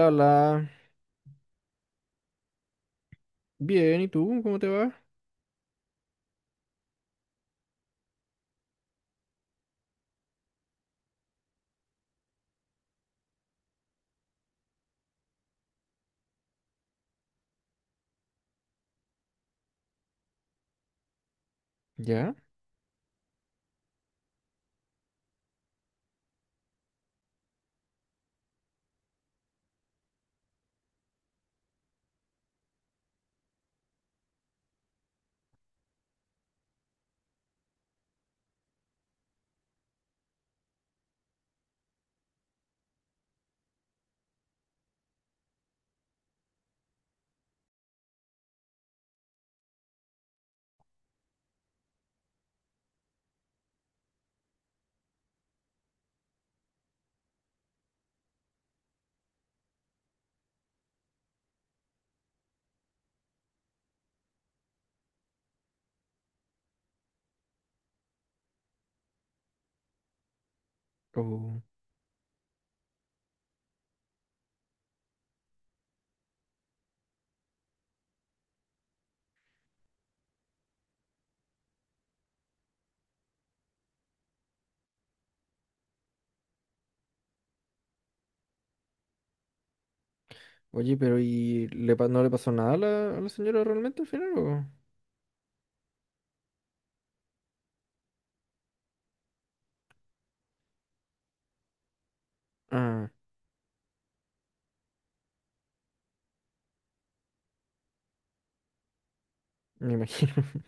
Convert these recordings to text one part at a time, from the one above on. La la. Bien, ¿y tú? ¿Cómo te va? ¿Ya? Oh. Oye, pero ¿y le, pa- no le pasó nada a la señora realmente al final? O? Ah, me imagino.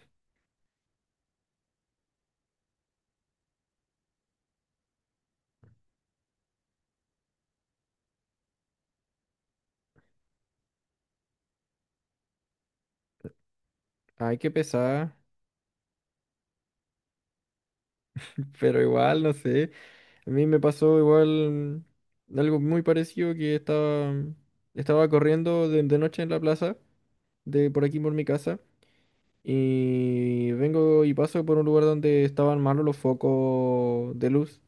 Ay, qué pesada. Pero igual, no sé. A mí me pasó igual, algo muy parecido, que estaba, estaba corriendo de noche en la plaza, de por aquí por mi casa. Y vengo y paso por un lugar donde estaban malos los focos de luz.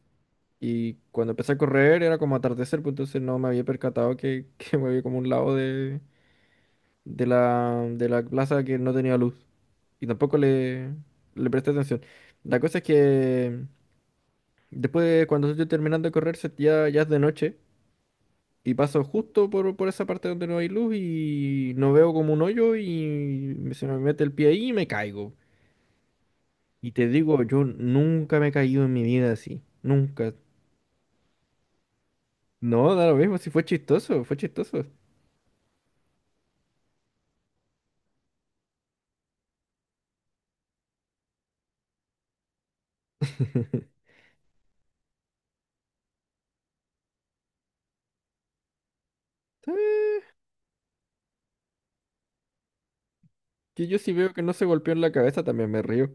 Y cuando empecé a correr era como atardecer, pues entonces no me había percatado que, que me había como un lado de, de la plaza que no tenía luz. Y tampoco le presté atención. La cosa es que después, de- cuando estoy terminando de correr, se- ya es de noche. Y paso justo por esa parte donde no hay luz y no veo como un hoyo y me- se me mete el pie ahí y me caigo. Y te digo, yo nunca me he caído en mi vida así. Nunca. No, da lo mismo, si fue chistoso, fue chistoso. Sí. Que yo sí veo que no se golpeó en la cabeza, también me río.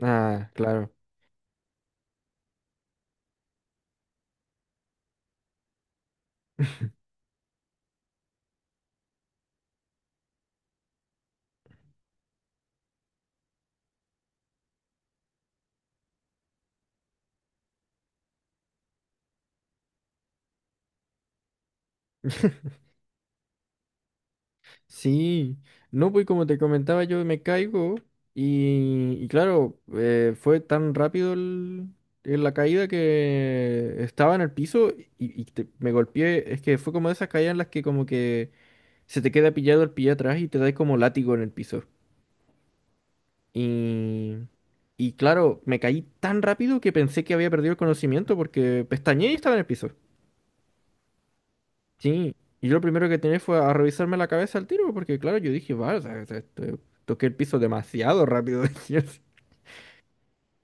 Ah, claro. Sí, no, pues como te comentaba, yo me caigo y claro, fue tan rápido el- la caída que estaba en el piso y te- me golpeé. Es que fue como de esas caídas en las que como que se te queda pillado el pie atrás y te dais como látigo en el piso. Y, y claro, me caí tan rápido que pensé que había perdido el conocimiento porque pestañeé y estaba en el piso. Sí, y yo lo primero que tenía fue a revisarme la cabeza al tiro, porque claro, yo dije, va, o sea, to- toqué el piso demasiado rápido. Dije así.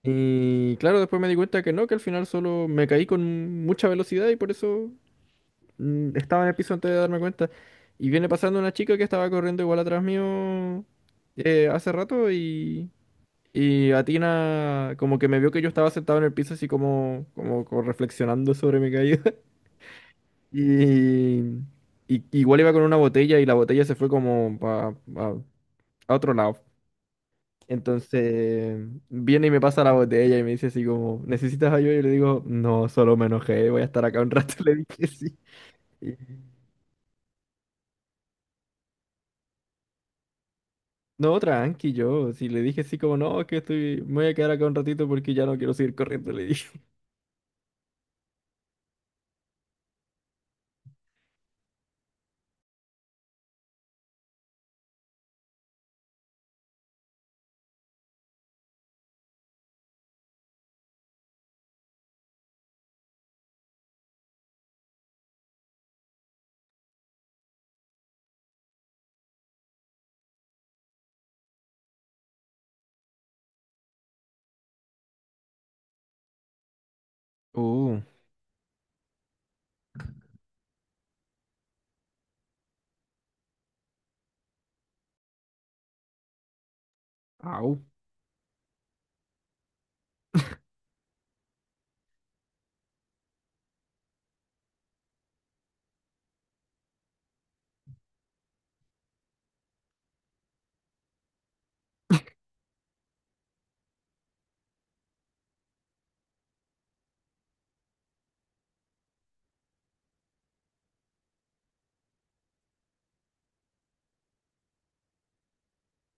Y claro, después me di cuenta que no, que al final solo me caí con mucha velocidad y por eso estaba en el piso antes de darme cuenta. Y viene pasando una chica que estaba corriendo igual atrás mío, hace rato, y Atina como que me vio que yo estaba sentado en el piso así como, como reflexionando sobre mi caída. Y, y- igual iba con una botella y la botella se fue como pa- pa- a otro lado. Entonces viene y me pasa la botella y me dice así como, ¿necesitas ayuda? Y le digo, no, solo me enojé, voy a estar acá un rato. Le dije sí. Y no, tranqui, yo. Si le dije así como, no, es que estoy, me voy a quedar acá un ratito porque ya no quiero seguir corriendo, le dije. Uh, au.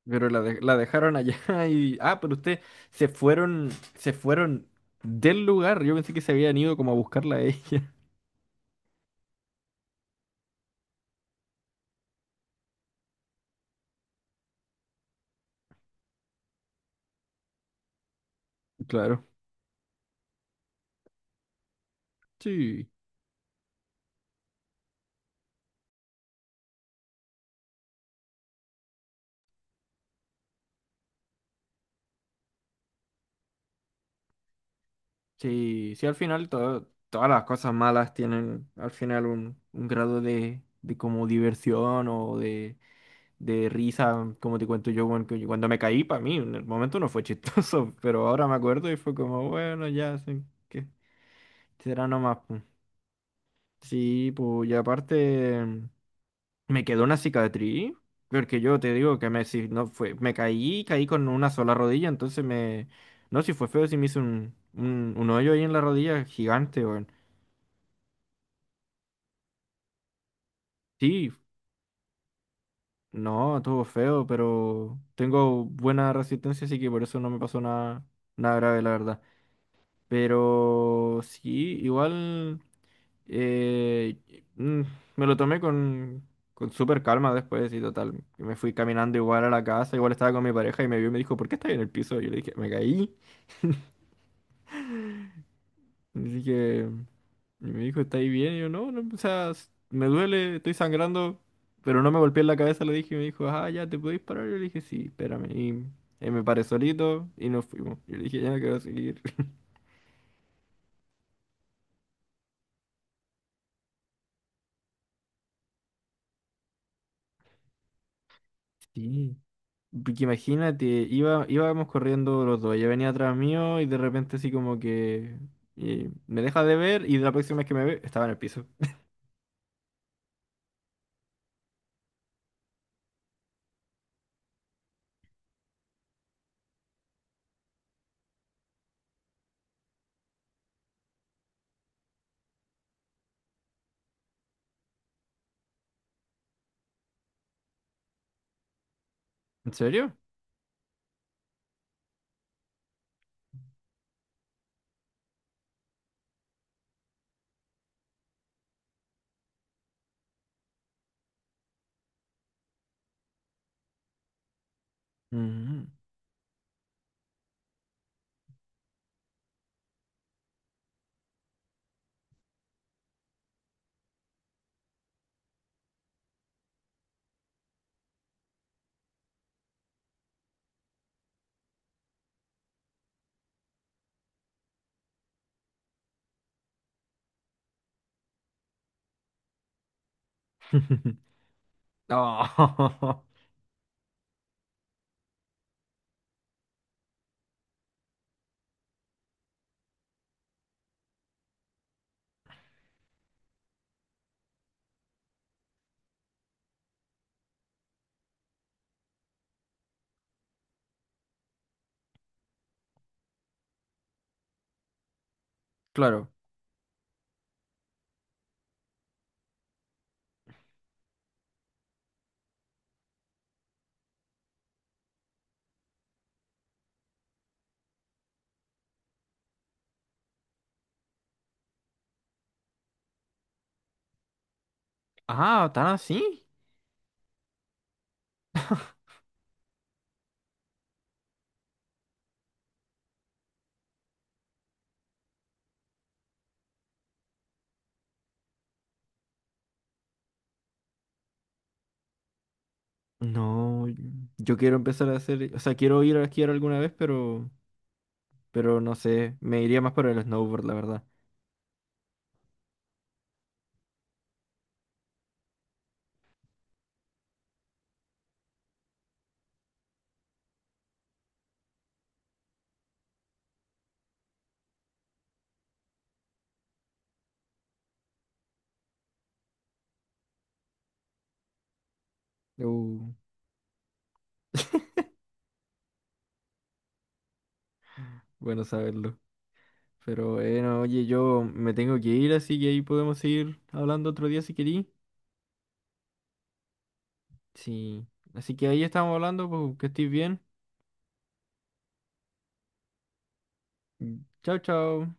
Pero la, de- la dejaron allá y... Ah, pero usted se fueron del lugar. Yo pensé que se habían ido como a buscarla a ella. Claro. Sí. Sí, sí, al final todo- todas las cosas malas tienen al final un grado de como diversión o de risa, como te cuento yo, cuando, cuando me caí, para mí en el momento no fue chistoso, pero ahora me acuerdo y fue como, bueno, ya, sí, que será nomás. Pu. Sí, pues, y aparte... Me quedó una cicatriz, porque yo te digo que me, si no fue, me caí, caí con una sola rodilla, entonces me... No, si fue feo, si me hizo un hoyo ahí en la rodilla gigante, weón. Sí, no, estuvo feo, pero tengo buena resistencia, así que por eso no me pasó nada, nada grave, la verdad. Pero sí, igual... Eh, mm, me lo tomé con súper calma después y total. Me fui caminando igual a la casa, igual estaba con mi pareja y me vio y me dijo, ¿por qué estás en el piso? Y yo le dije, me caí. Y le dije, y me dijo, ¿estás bien? Y yo, no, no, o sea, s- me duele, estoy sangrando, pero no me golpeé en la cabeza, le dije, y me dijo, ah, ya, ¿te podéis parar? Y yo le dije, sí, espérame. Y me paré solito y nos fuimos. Yo le dije, ya no quiero seguir. Sí. Porque imagínate, iba, íbamos corriendo los dos, ella venía atrás mío y de repente así como que me deja de ver y la próxima vez que me ve estaba en el piso. ¿En serio? Mm. Oh, claro. Ah, ¿tan así? No, yo quiero empezar a hacer, o sea, quiero ir a esquiar alguna vez, pero no sé, me iría más por el snowboard, la verdad. Uh, bueno saberlo. Pero bueno, oye, yo me tengo que ir, así que ahí podemos seguir hablando otro día si querís. Sí. Así que ahí estamos hablando, pues, que estés bien. Mm. Chao, chao.